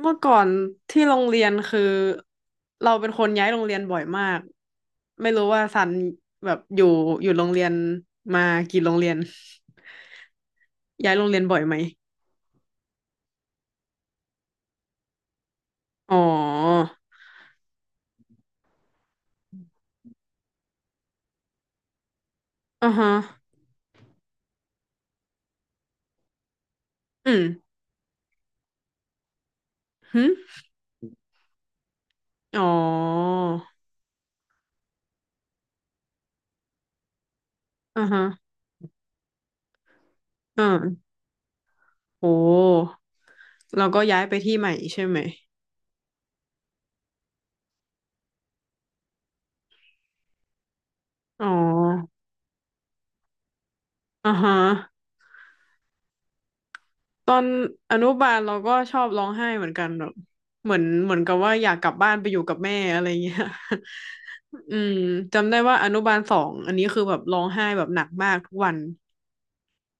เมื่อก่อนที่โรงเรียนคือเราเป็นคนย้ายโรงเรียนบ่อยมากไม่รู้ว่าซันแบบอยู่โรงเรียนมากี่โรงเรียนย้ายโรงเรียนบ่อยไหมอ๋ออ่าฮะอืมหึอ๋ออ่าฮะอ่าโอ้เราก็ย้ายไปที่ใหม่ใช่ไหมอ๋ออ่าฮะตอนอนุบาลเราก็ชอบร้องไห้เหมือนกันแบบเหมือนกับว่าอยากกลับบ้านไปอยู่กับแม่อะไรเงี้ย อืมจำได้ว่าอนุบาลสองอันนี้คือแบบร้องไห้แบบหนักมากทุกวัน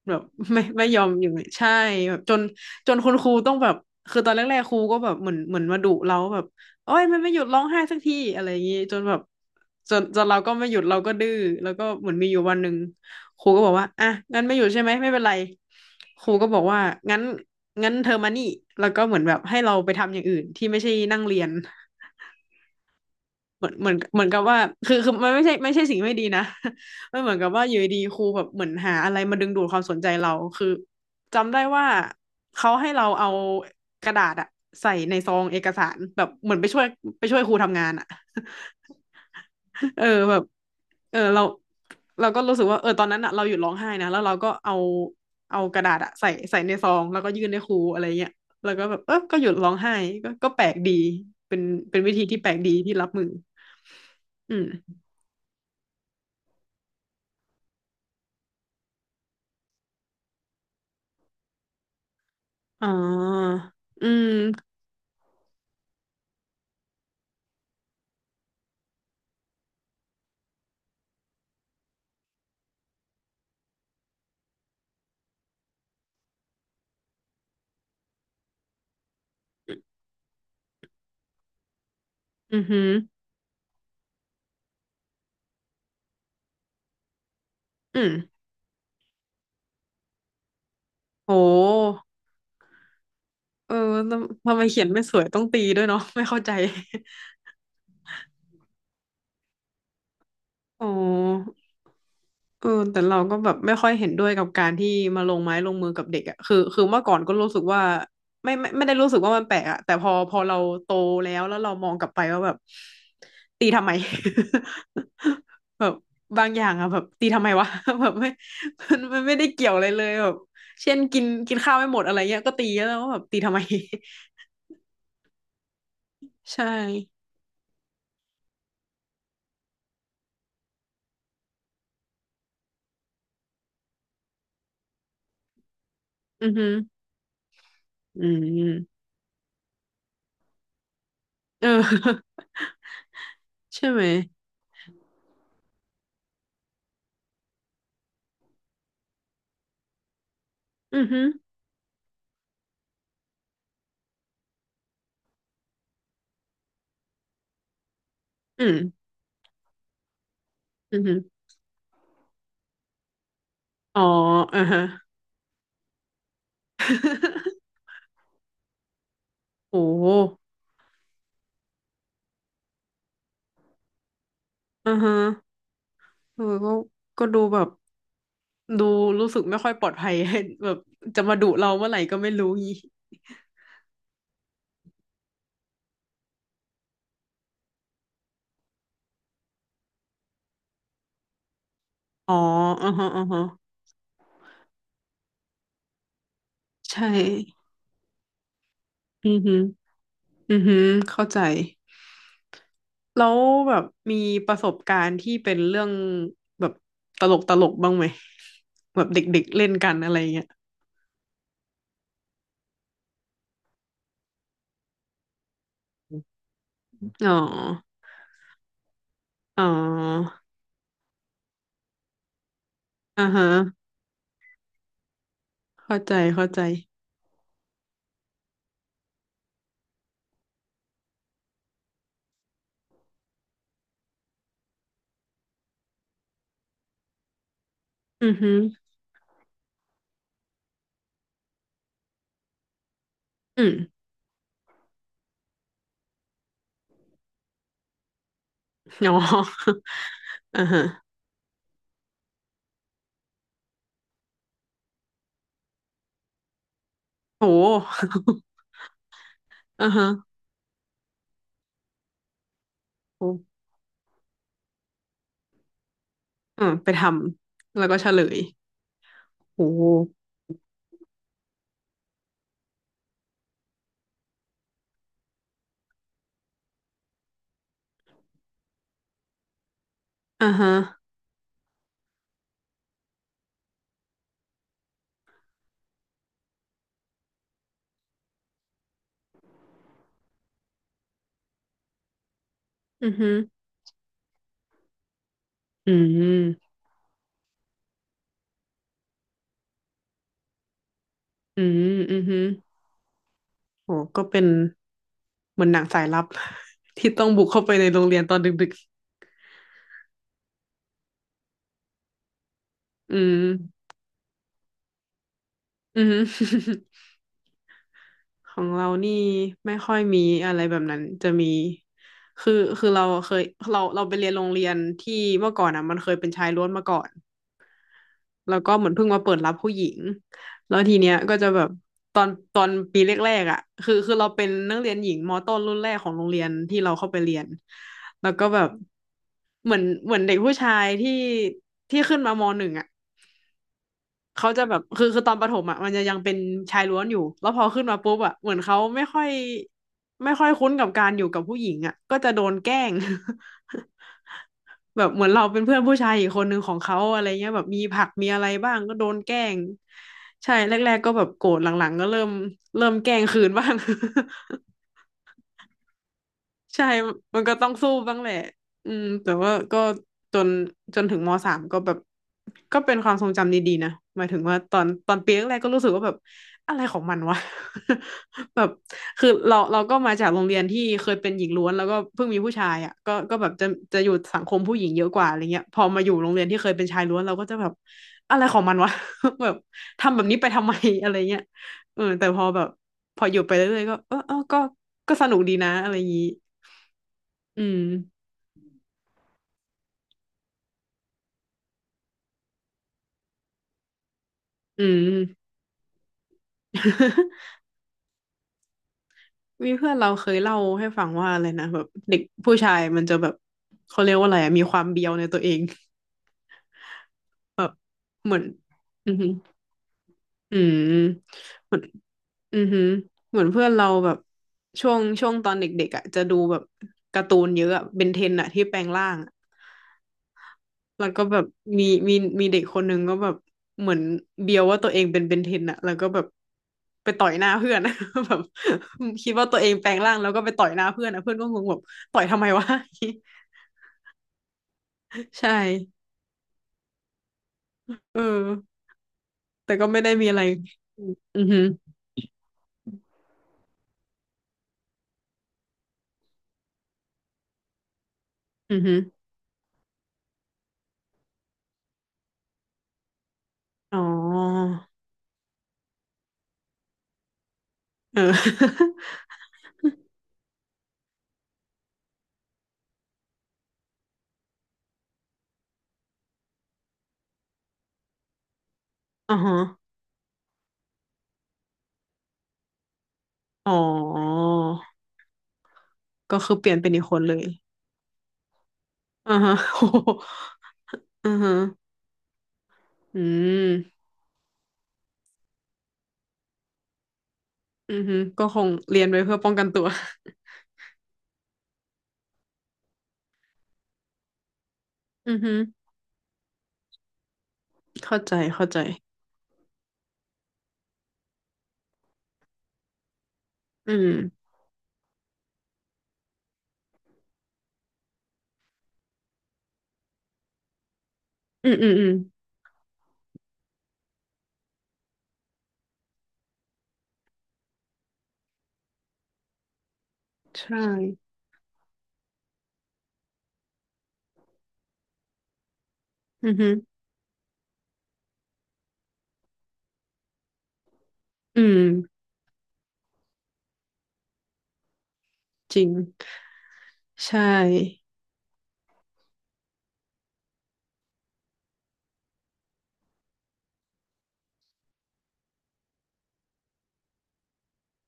แบบ ไม่ยอมอยู่ใช่แบบจนคุณครูต้องแบบคือตอนแรกๆครูก็แบบเหมือนมาดุเราแบบโอ้ยมันไม่หยุดร้องไห้สักทีอะไรอย่างงี้จนแบบจนเราก็ไม่หยุดเราก็ดื้อแล้วก็เหมือนมีอยู่วันหนึ่งครูก็บอกว่าอ่ะงั้นไม่หยุดใช่ไหมไม่เป็นไรครูก็บอกว่างั้นงั้นเธอมานี่แล้วก็เหมือนแบบให้เราไปทำอย่างอื่นที่ไม่ใช่นั่งเรียน เหมือนกับว่าคือมันไม่ใช่สิ่งไม่ดีนะ มันเหมือนกับว่าอยู่ดีๆครูแบบเหมือนหาอะไรมาดึงดูดความสนใจเราคือจำได้ว่าเขาให้เราเอากระดาษอะใส่ในซองเอกสารแบบเหมือนไปช่วยไปช่วยครูทำงานอะ เออแบบเออเราก็รู้สึกว่าเออตอนนั้นอะเราหยุดร้องไห้นะแล้วเราก็เอาเอากระดาษอะใส่ในซองแล้วก็ยื่นให้ครูอะไรเงี้ยแล้วก็แบบเออก็หยุดร้องไห้ก็แปลกดีเป็นเป็นวิธีที่แปลกดีที่รับมืออืมอ๋ออืมอือหืออืมโหเออทำไมเขียนไม่สวยต้องตีด้วยเนาะไม่เข้าใจ อ๋อ เออแต่เราก็แบบไม่ค่อยเห็นด้วยกับการที่มาลงไม้ลงมือกับเด็กอ่ะคือเมื่อก่อนก็รู้สึกว่าไม่ได้รู้สึกว่ามันแปลกอ่ะแต่พอเราโตแล้วเรามองกลับไปว่าแบบตีทำไม แบบบางอย่างอ่ะแบบตีทำไมวะ แบบไม่ มันไม่ได้เกี่ยวอะไรเลยแบบเช่นกินกินข้าวไม่หมดอะไรเงี้ยก็ตีแล้วว่าแบบตีทำไม ใช่อือฮึอืมเออ ใช่ไหมอือฮึอืมอือฮึอ๋ออือฮะ โอ้อ่าฮะเออก็ดูแบบดูรู้สึกไม่ค่อยปลอดภัย แบบจะมาดุเราเมื่อไหร่ก็ไม่รู้งี้อ๋ออ่าฮะอ่าฮะใช่อือหึออือฮึเข้าใจแล้วแบบมีประสบการณ์ที่เป็นเรื่องแบบตลกบ้างไหมแบบเด็กๆเล่นกันอะไรเงี้ยอ๋ออ๋ออ่าฮะเข้าใจอือหึออืมอ๋อ อ่าฮะโห อ่าฮะโอ อ่าไปทำแล้วก็เฉลยโอ้อ่าฮะอือฮึอืมอืมอือฮึโอ้ก็เป็นเหมือนหนังสายลับ ที่ต้องบุกเข้าไปในโรงเรียนตอนดึกๆอืมอือฮึ ของเรานี่ไม่ค่อยมีอะไรแบบนั้นจะมีคือคือเราเคยเราไปเรียนโรงเรียนที่เมื่อก่อนอ่ะมันเคยเป็นชายล้วนมาก่อน แล้วก็เหมือนเพิ่งมาเปิดรับผู้หญิง แล้วทีเนี้ยก็จะแบบตอนปีแรกๆอ่ะคือเราเป็นนักเรียนหญิงมต้นรุ่นแรกของโรงเรียนที่เราเข้าไปเรียน แล้วก็แบบเหมือนเด็กผู้ชายที่ขึ้นมามหนึ่งอ่ะเขาจะแบบคือตอนประถมอ่ะมันจะยังเป็นชายล้วนอยู่ แล้วพอขึ้นมาปุ๊บอ่ะเหมือนเขาไม่ค่อยคุ้นกับการอยู่กับผู้หญิงอ่ะก็จะโดนแกล้ง แบบเหมือนเราเป็นเพื่อนผู้ชายอีกคนหนึ่งของเขาอะไรเงี้ยแบบมีผักมีอะไรบ้างก็โดนแกล้งใช่แรกๆก็แบบโกรธหลังๆก็เริ่มแกล้งคืนบ้าง ใช่มันก็ต้องสู้บ้างแหละอืมแต่ว่าก็จนจนถึงมสามก็แบบก็เป็นความทรงจำดีๆนะหมายถึงว่าตอนปีแรกๆก็รู้สึกว่าแบบอะไรของมันวะ แบบคือเราก็มาจากโรงเรียนที่เคยเป็นหญิงล้วนแล้วก็เพิ่งมีผู้ชายอ่ะก็แบบจะอยู่สังคมผู้หญิงเยอะกว่าอะไรเงี้ยพอมาอยู่โรงเรียนที่เคยเป็นชายล้วนเราก็จะแบบอะไรของมันวะ แบบทำแบบนี้ไปทำไมอะไรเงี้ยเออแต่พอแบบพออยู่ไปเรื่อยๆก็เออก็ก็สนุกดีนะอะไรอย่างงี้ อืมอืม มีเพื่อนเราเคยเล่าให้ฟังว่าอะไรนะแบบเด็กผู้ชายมันจะแบบเขาเรียกว่าอะไรอะมีความเบียวในตัวเองแบบเหมือนอือหืออืมเหมือนอือหือเหมือนเพื่อนเราแบบช่วงตอนเด็กๆอ่ะจะดูแบบการ์ตูนเยอะอะเบนเทนอ่ะที่แปลงร่าง แล้วก็แบบมีมีมีเด็กคนหนึ่งก็แบบเหมือนเบียวว่าตัวเองเป็นเบนเทนอะแล้วก็แบบไปต่อยหน้าเพื่อน แบบคิดว่าตัวเองแปลงร่างแล้วก็ไปต่อยหน้าเพื่อนอะเพื่อนก็งงแบบต่อยทำไมวะ ใช่เออแต่ก็ไม่ได้มีอะไรอือหืออือหืออ๋อเออ อ๋อฮะอ๋อก็คือเปลี่ยนเป็นอีกคนเลยอ่าฮะ โอ้โหอือฮะอืมอือฮึก็คงเรียนไว้เพื่อป้องกันตัว อือฮึ เข้าใจเข้าใจอืมอืมอืมอืมใช่อือฮึอืมจริง ใช่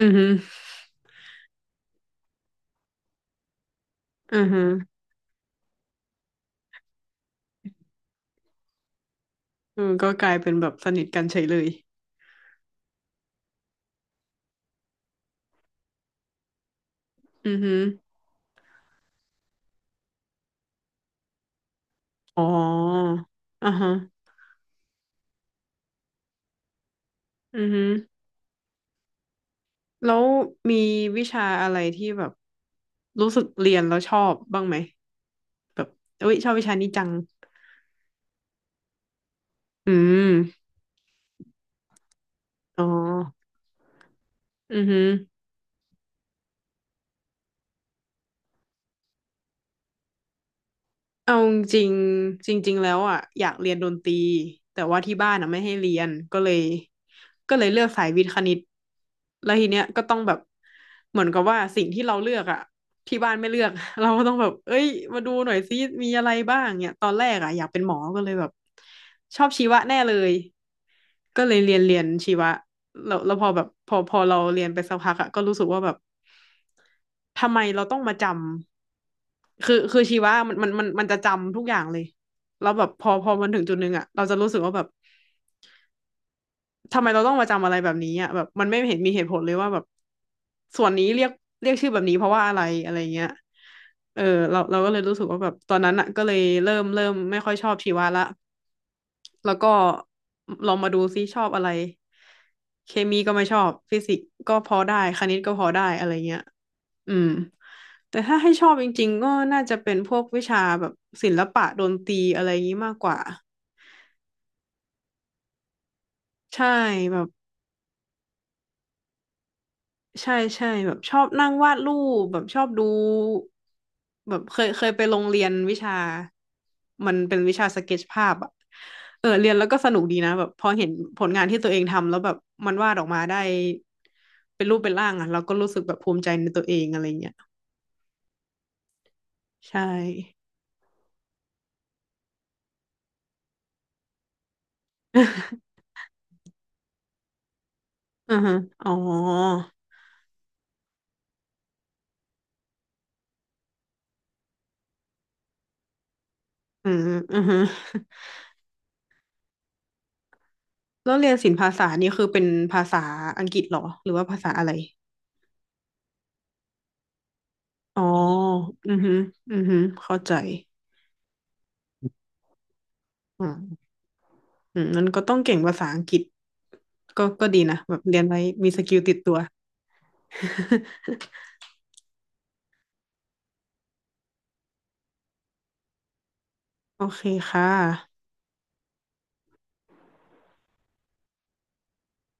อือฮึอือฮึเออก็กลายเป็นแบบสนิทกันเฉยเลยอือฮึอ๋ออ่าฮะอือฮึแล้วมีวิชาอะไรที่แบบรู้สึกเรียนแล้วชอบบ้างไหมแบบเอ้ยชอบวิชานี้จังอืมอ๋ออือฮึ เอาจริงๆจริงๆแล้วอ่ะอยากเรียนดนตรีแต่ว่าที่บ้านอ่ะไม่ให้เรียนก็เลยเลือกสายวิทย์คณิตแล้วทีเนี้ยก็ต้องแบบเหมือนกับว่าสิ่งที่เราเลือกอ่ะที่บ้านไม่เลือก เราก็ต้องแบบเอ้ยมาดูหน่อยซิมีอะไรบ้างเนี่ยตอนแรกอ่ะอยากเป็นหมอก็เลยแบบชอบชีวะแน่เลยก็เลยเรียนชีวะแล้วพอแบบพอเราเรียนไปสักพักอ่ะก็รู้สึกว่าแบบทำไมเราต้องมาจำ คือชีวะมันจะจำทุกอย่างเลยแล้วแบบพอมันถึงจุดหนึ่งอะเราจะรู้สึกว่าแบบทำไมเราต้องมาจำอะไรแบบนี้อะแบบมันไม่เห็นมีเหตุผลเลยว่าแบบส่วนนี้เรียกชื่อแบบนี้เพราะว่าอะไรอะไรเงี้ยเออเราก็เลยรู้สึกว่าแบบตอนนั้นอะก็เลยเริ่มไม่ค่อยชอบชีวะละแล้วก็ลองมาดูซิชอบอะไรเคมีก็ไม่ชอบฟิสิกส์ก็พอได้คณิตก็พอได้อะไรเงี้ย อืมแต่ถ้าให้ชอบจริงๆก็น่าจะเป็นพวกวิชาแบบศิลปะดนตรีอะไรอย่างนี้มากกว่าใช่แบบใช่ใช่แบบชอบนั่งวาดรูปแบบชอบดูแบบเคยไปโรงเรียนวิชามันเป็นวิชาสเก็ตชภาพอะเออเรียนแล้วก็สนุกดีนะแบบพอเห็นผลงานที่ตัวเองทำแล้วแบบมันวาดออกมาได้เป็นรูปเป็นร่างอะเราก็รู้สึกแบบภูมิใจในตัวเองอะไรเงี้ยใช่ อือฮึอ๋ออืมอือฮึ แล้วเรียนศิลปภาษานี่คือเป็นภาษาอังกฤษเหรอหรือว่าภาษาอะไร อ๋อ อือฮึอือฮึเข้าใจอืมอืมมันก็ต้องเก่งภาษาอังกฤษก็ก็ดีนะแบบเรียนไว้มีสกิลติดตัว โอเคค่ะ